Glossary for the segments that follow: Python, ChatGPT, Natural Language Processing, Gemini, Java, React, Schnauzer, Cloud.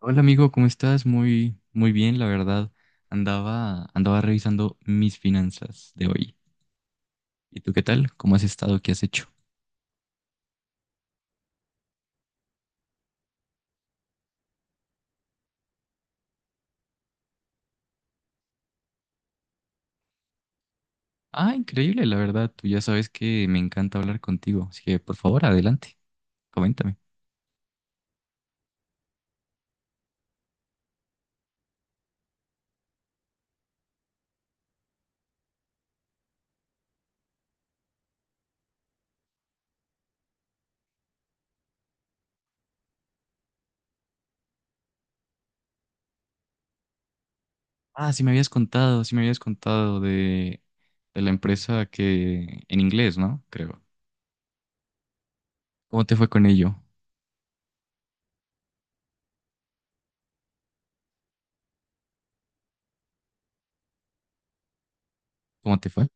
Hola amigo, ¿cómo estás? Muy, muy bien, la verdad. Andaba revisando mis finanzas de hoy. ¿Y tú qué tal? ¿Cómo has estado? ¿Qué has hecho? Ah, increíble, la verdad. Tú ya sabes que me encanta hablar contigo, así que por favor, adelante, coméntame. Ah, sí me habías contado, de la empresa que en inglés, ¿no? Creo. ¿Cómo te fue con ello? ¿Cómo te fue?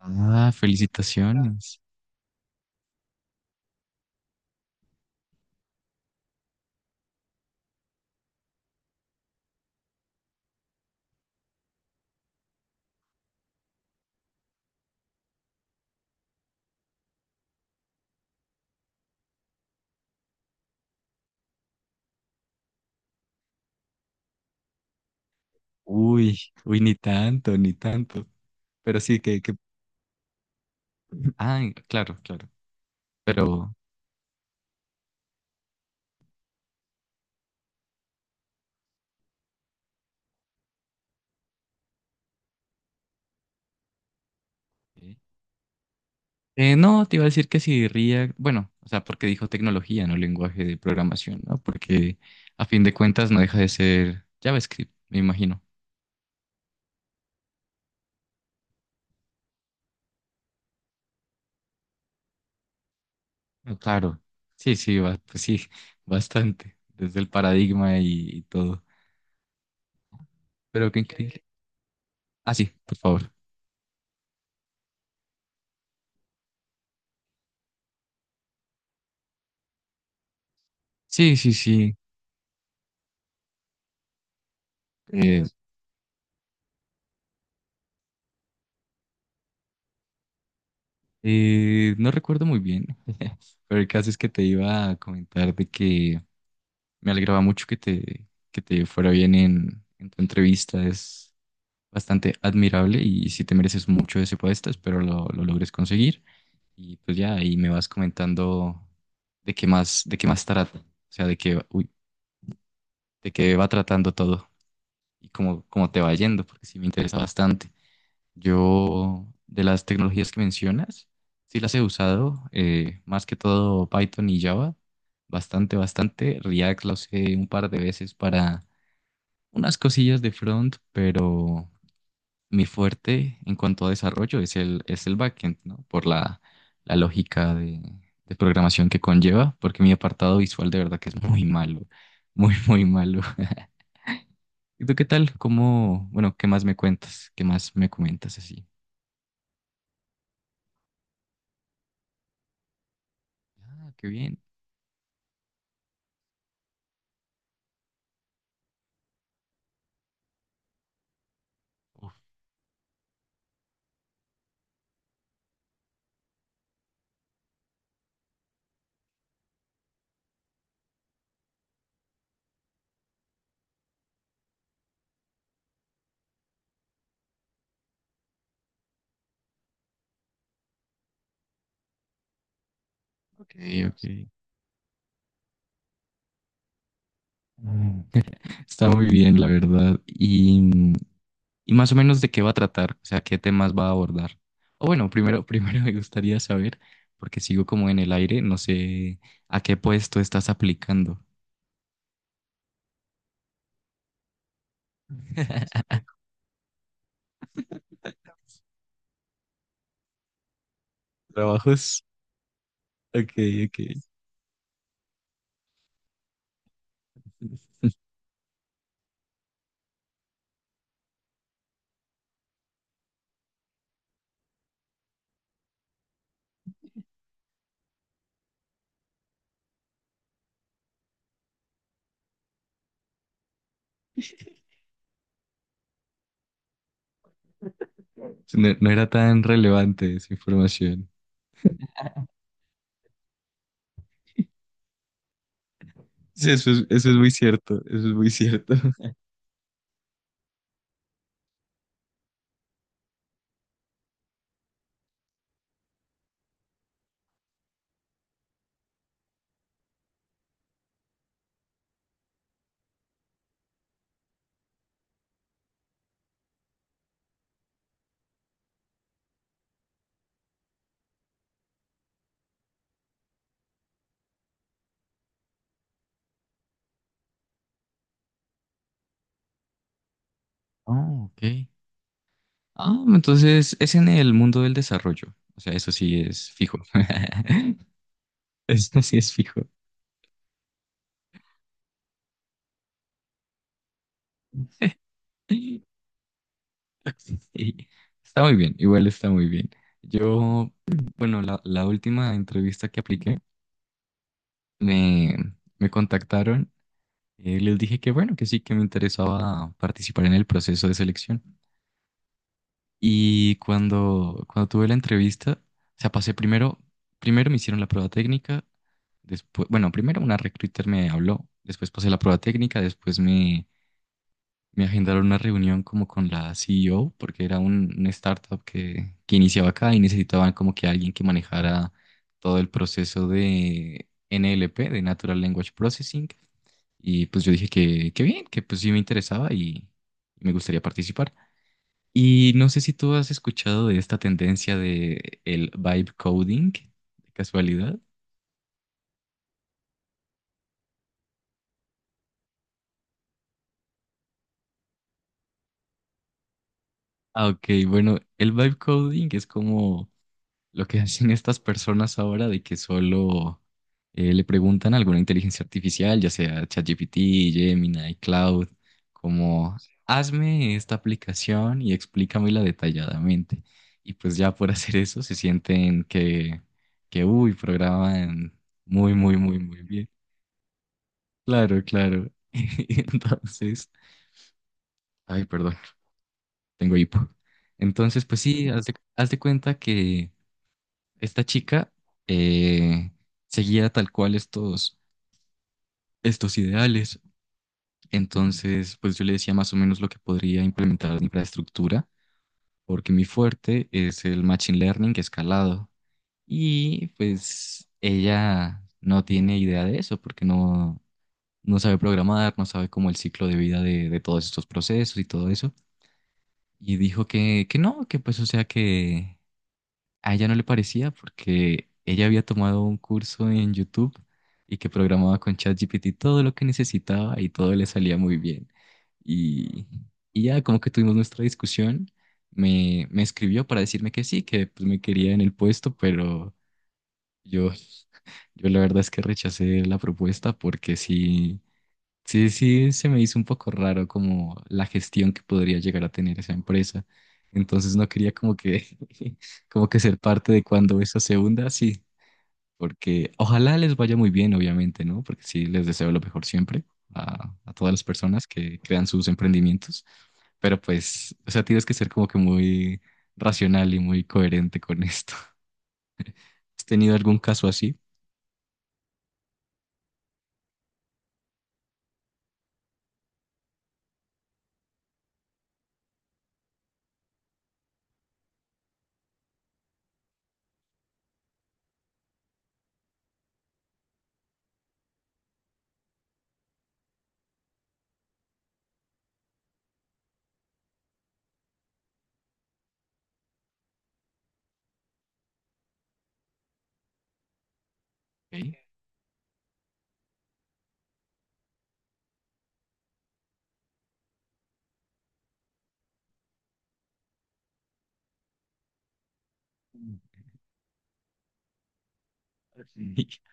Ah, felicitaciones. Uy, uy, ni tanto, ni tanto. Pero sí que... Ah, claro, claro. Pero, sí. No, te iba a decir que si React, bueno, o sea, porque dijo tecnología, no lenguaje de programación, ¿no? Porque a fin de cuentas no deja de ser JavaScript, me imagino. Ah, claro, sí, sí, pues sí, bastante, desde el paradigma y todo. Pero qué increíble. Ah, sí, por favor. Sí, sí, sí. eh, no recuerdo muy bien, pero el caso es que te iba a comentar de que me alegraba mucho que que te fuera bien en tu entrevista. Bastante admirable y si te mereces mucho ese puesto, espero lo logres conseguir. Y pues ya ahí me vas comentando de qué más trata, o sea, de qué, uy, de qué va tratando todo y cómo, cómo te va yendo, porque sí me interesa bastante. Yo, de las tecnologías que mencionas, sí las he usado, más que todo Python y Java, bastante, bastante. React lo usé un par de veces para unas cosillas de front, pero mi fuerte en cuanto a desarrollo es es el backend, ¿no? La lógica de programación que conlleva, porque mi apartado visual de verdad que es muy malo, muy, muy malo. ¿Y tú qué tal? ¿Cómo, bueno, qué más me cuentas? ¿Qué más me comentas así? Ah, qué bien. Ok, ok. Mm. Está muy bien, la verdad. Y mm, y más o menos de qué va a tratar, o sea, qué temas va a abordar. O bueno, primero, primero me gustaría saber, porque sigo como en el aire, no sé a qué puesto estás aplicando. Trabajos. Ok, ok. No, no era tan relevante esa información. Sí, eso es muy cierto, eso es muy cierto. Oh, ok. Ah, entonces es en el mundo del desarrollo. O sea, eso sí es fijo. Eso sí es fijo. Sí, está muy bien, igual está muy bien. Yo, bueno, la última entrevista que apliqué, me, me contactaron, les dije que bueno, que sí, que me interesaba participar en el proceso de selección. Y cuando tuve la entrevista, o sea, pasé primero, primero me hicieron la prueba técnica, después, bueno, primero una recruiter me habló, después pasé la prueba técnica, después me Me agendaron una reunión como con la CEO, porque era una startup que iniciaba acá y necesitaban como que alguien que manejara todo el proceso de NLP, de Natural Language Processing. Y pues yo dije que bien, que pues sí me interesaba y me gustaría participar. Y no sé si tú has escuchado de esta tendencia de el vibe coding, de casualidad. Ah, ok, bueno, el vibe coding es como lo que hacen estas personas ahora de que solo le preguntan a alguna inteligencia artificial, ya sea ChatGPT, Gemini, Cloud, como hazme esta aplicación y explícamela detalladamente. Y pues ya por hacer eso se sienten que uy, programan muy, muy, muy, muy bien. Claro, claro. Entonces, ay, perdón, tengo hipo. Entonces, pues sí, haz de cuenta que esta chica eh, seguía tal cual estos, estos ideales. Entonces, pues yo le decía más o menos lo que podría implementar en infraestructura, porque mi fuerte es el machine learning escalado. Y pues ella no tiene idea de eso, porque no, no sabe programar, no sabe cómo el ciclo de vida de todos estos procesos y todo eso. Y dijo que no, que pues o sea que a ella no le parecía porque ella había tomado un curso en YouTube y que programaba con ChatGPT todo lo que necesitaba y todo le salía muy bien. Y, y ya como que tuvimos nuestra discusión, me escribió para decirme que sí, que pues, me quería en el puesto, pero yo, yo la verdad es que rechacé la propuesta porque sí, sí, sí, se me hizo un poco raro como la gestión que podría llegar a tener esa empresa. Entonces no quería como que, como que ser parte de cuando eso se hunda, sí, porque ojalá les vaya muy bien, obviamente, ¿no? Porque sí, les deseo lo mejor siempre a todas las personas que crean sus emprendimientos, pero pues, o sea, tienes que ser como que muy racional y muy coherente con esto. ¿Has tenido algún caso así? Ok.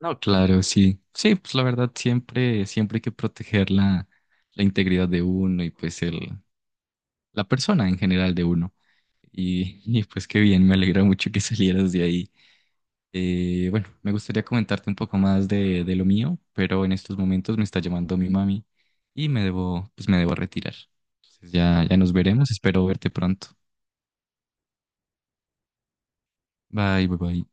No, claro, sí. Sí, pues la verdad siempre, siempre hay que proteger la, la integridad de uno y pues el, la persona en general de uno. Y, pues qué bien, me alegra mucho que salieras de ahí. Bueno, me gustaría comentarte un poco más de lo mío, pero en estos momentos me está llamando mi mami y me debo, pues me debo retirar. Entonces ya, ya nos veremos, espero verte pronto. Bye, bye, bye.